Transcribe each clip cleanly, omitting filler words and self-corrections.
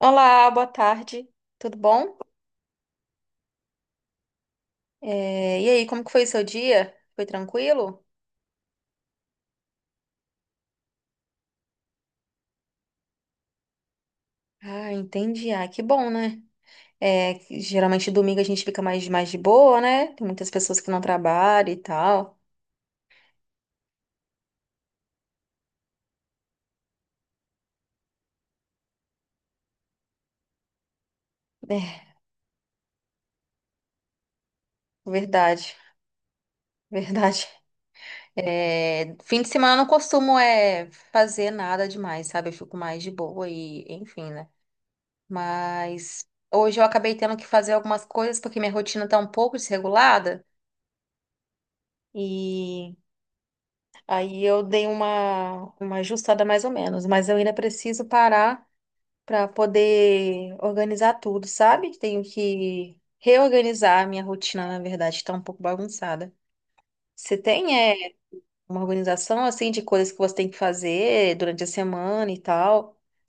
Olá, boa tarde. Tudo bom? É, e aí, como que foi o seu dia? Foi tranquilo? Ah, entendi. Ah, que bom, né? É, que geralmente domingo a gente fica mais de boa, né? Tem muitas pessoas que não trabalham e tal. É, verdade, verdade. É, fim de semana eu não costumo fazer nada demais, sabe? Eu fico mais de boa e enfim, né? Mas hoje eu acabei tendo que fazer algumas coisas porque minha rotina tá um pouco desregulada. E Aí eu dei uma ajustada mais ou menos, mas eu ainda preciso parar para poder organizar tudo, sabe? Tenho que reorganizar a minha rotina, na verdade, está um pouco bagunçada. Você tem é, uma organização assim de coisas que você tem que fazer durante a semana e tal?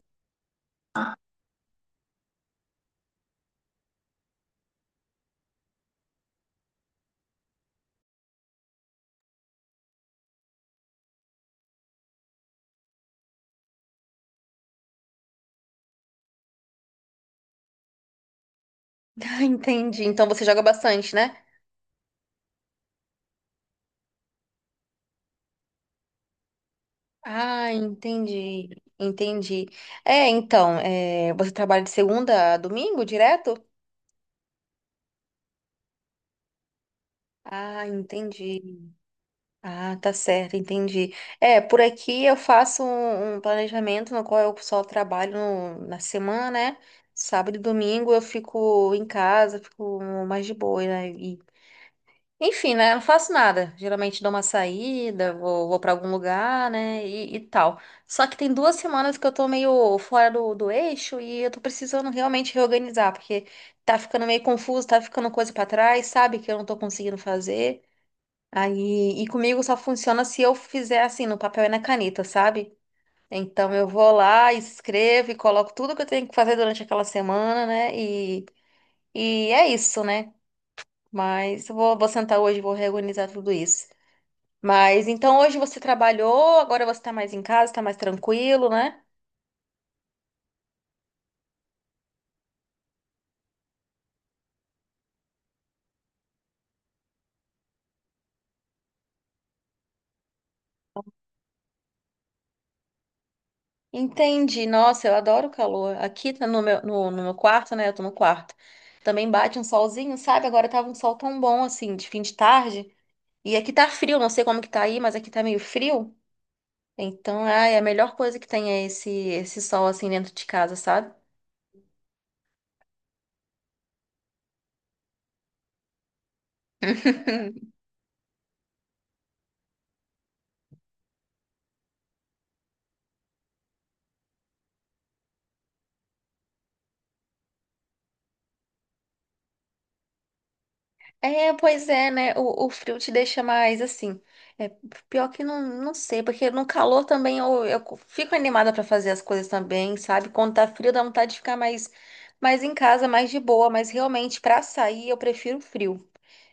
Ah, entendi. Então você joga bastante, né? Ah, entendi. Entendi. É, então, você trabalha de segunda a domingo direto? Ah, entendi. Ah, tá certo, entendi. É, por aqui eu faço um planejamento no qual eu só trabalho na semana, né? Sábado e domingo eu fico em casa, fico mais de boa, né? E, enfim, né? Eu não faço nada. Geralmente dou uma saída, vou para algum lugar, né? E tal. Só que tem 2 semanas que eu tô meio fora do eixo e eu tô precisando realmente reorganizar, porque tá ficando meio confuso, tá ficando coisa pra trás, sabe? Que eu não tô conseguindo fazer. Aí, e comigo só funciona se eu fizer assim, no papel e na caneta, sabe? Então eu vou lá, escrevo e coloco tudo que eu tenho que fazer durante aquela semana, né? E é isso, né? Mas eu vou sentar hoje e vou reorganizar tudo isso. Mas então hoje você trabalhou, agora você tá mais em casa, tá mais tranquilo, né? Entendi. Nossa, eu adoro o calor. Aqui tá no meu quarto, né? Eu tô no quarto. Também bate um solzinho, sabe? Agora tava um sol tão bom assim, de fim de tarde. E aqui tá frio, não sei como que tá aí, mas aqui tá meio frio. Então, ai, a melhor coisa que tem é esse sol assim dentro de casa, sabe? É, pois é, né? O frio te deixa mais assim. É, pior que não, não sei, porque no calor também eu fico animada pra fazer as coisas também, sabe? Quando tá frio dá vontade de ficar mais em casa, mais de boa, mas realmente pra sair eu prefiro frio.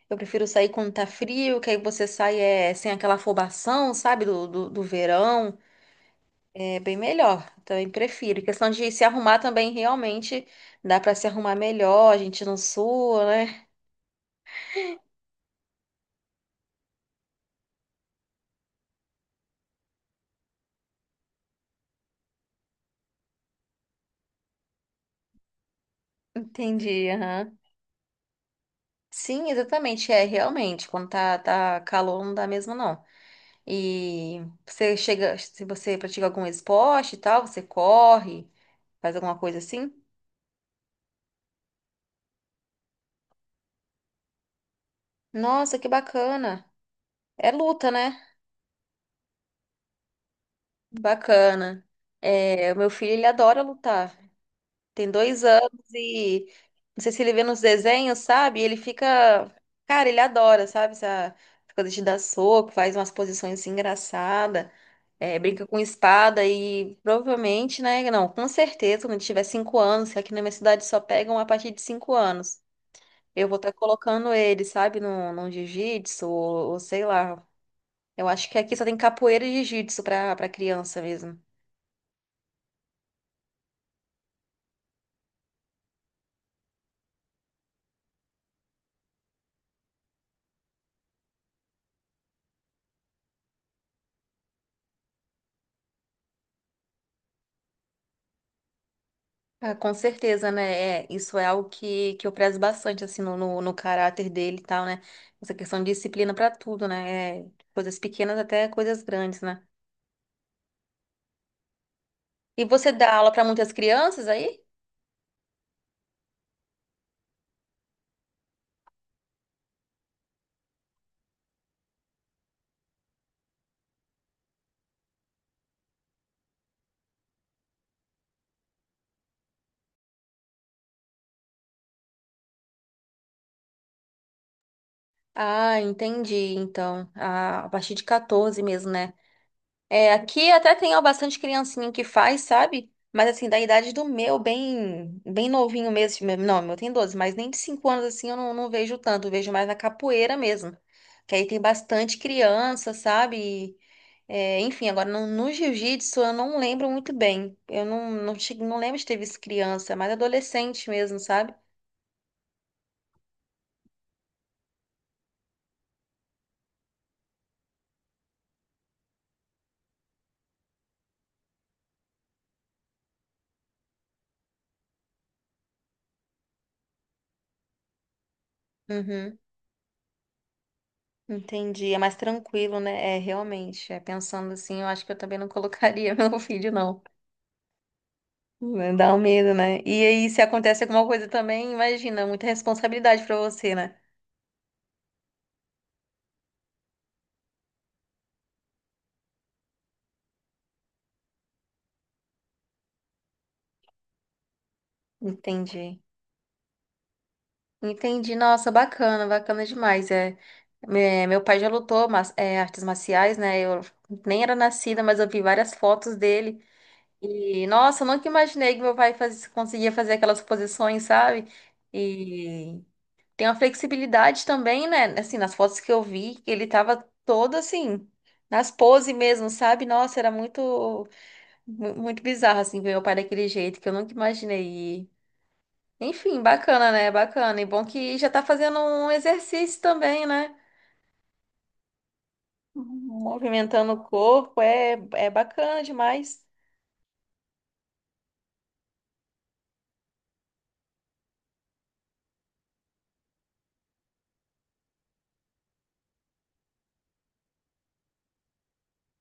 Eu prefiro sair quando tá frio, que aí você sai sem aquela afobação, sabe? Do verão. É bem melhor, também prefiro. Questão de se arrumar também, realmente dá para se arrumar melhor, a gente não sua, né? Entendi, aham. Sim, exatamente, é realmente. Quando tá calor, não dá mesmo, não. E você chega, se você pratica algum esporte e tal, você corre, faz alguma coisa assim? Nossa, que bacana! É luta, né? Bacana. É, o meu filho, ele adora lutar. Tem 2 anos e não sei se ele vê nos desenhos, sabe? Ele fica. Cara, ele adora, sabe? Essa coisa de dar soco, faz umas posições assim, engraçadas, brinca com espada e provavelmente, né? Não, com certeza, quando tiver 5 anos, que aqui na minha cidade só pegam a partir de 5 anos. Eu vou estar colocando ele, sabe, num jiu-jitsu, ou sei lá. Eu acho que aqui só tem capoeira e jiu-jitsu pra criança mesmo. Ah, com certeza, né? É, isso é algo que eu prezo bastante, assim, no caráter dele e tal, né? Essa questão de disciplina para tudo, né? É, coisas pequenas até coisas grandes, né? E você dá aula para muitas crianças aí? Ah, entendi. Então, a partir de 14 mesmo, né? É, aqui até tem ó, bastante criancinha que faz, sabe? Mas assim, da idade do meu, bem, bem novinho mesmo. Não, meu tem 12 mas nem de 5 anos assim eu não vejo tanto, eu vejo mais na capoeira mesmo. Que aí tem bastante criança, sabe? Enfim, agora no jiu-jitsu eu não lembro muito bem. Eu não lembro de ter visto criança, é mais adolescente mesmo, sabe? Uhum, entendi. É mais tranquilo, né? É, realmente. É, pensando assim, eu acho que eu também não colocaria meu filho, não. Dá um medo, né? E aí, se acontece alguma coisa também, imagina, muita responsabilidade pra você, né? Entendi. Entendi. Nossa, bacana, bacana demais. É, meu pai já lutou mas, artes marciais, né? Eu nem era nascida, mas eu vi várias fotos dele. E, nossa, eu nunca imaginei que meu pai conseguia fazer aquelas posições, sabe? E tem uma flexibilidade também, né? Assim, nas fotos que eu vi, ele tava todo assim, nas poses mesmo, sabe? Nossa, era muito. Muito bizarro, assim, ver meu pai daquele jeito, que eu nunca imaginei. Enfim, bacana, né? Bacana. E bom que já tá fazendo um exercício também, né? Movimentando o corpo, é bacana demais.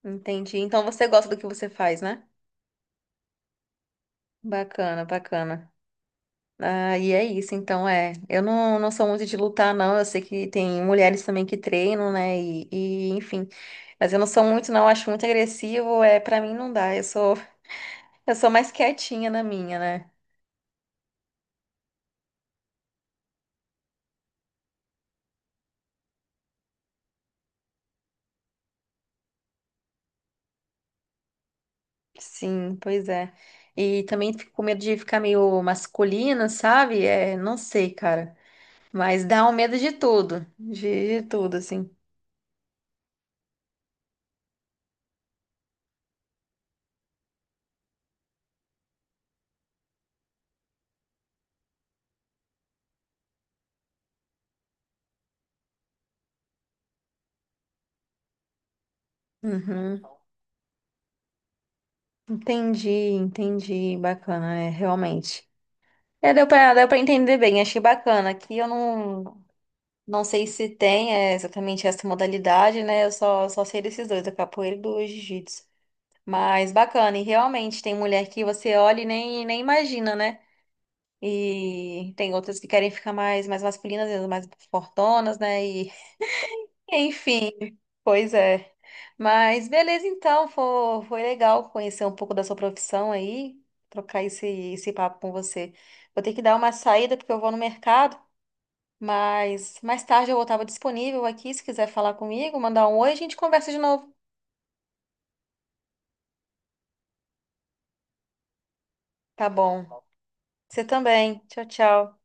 Entendi. Então você gosta do que você faz, né? Bacana, bacana. Ah, e é isso, então é. Eu não sou muito de lutar, não. Eu sei que tem mulheres também que treinam, né? E enfim. Mas eu não sou muito, não. Eu acho muito agressivo. É, para mim não dá. Eu sou mais quietinha na minha, né? Sim, pois é. E também fico com medo de ficar meio masculina, sabe? É, não sei, cara. Mas dá um medo de tudo, de tudo, assim. Uhum. Entendi, entendi. Bacana, é, realmente. É, deu pra entender bem, achei bacana. Aqui eu não sei se tem exatamente essa modalidade, né? Eu só sei desses dois, da capoeira e do jiu-jitsu. Mas bacana, e realmente tem mulher que você olha e nem imagina, né? E tem outras que querem ficar mais masculinas, mais fortonas, né? E enfim, pois é. Mas beleza, então, foi legal conhecer um pouco da sua profissão aí, trocar esse papo com você. Vou ter que dar uma saída porque eu vou no mercado, mas mais tarde eu estava disponível aqui, se quiser falar comigo, mandar um oi, a gente conversa de novo. Tá bom. Você também. Tchau, tchau.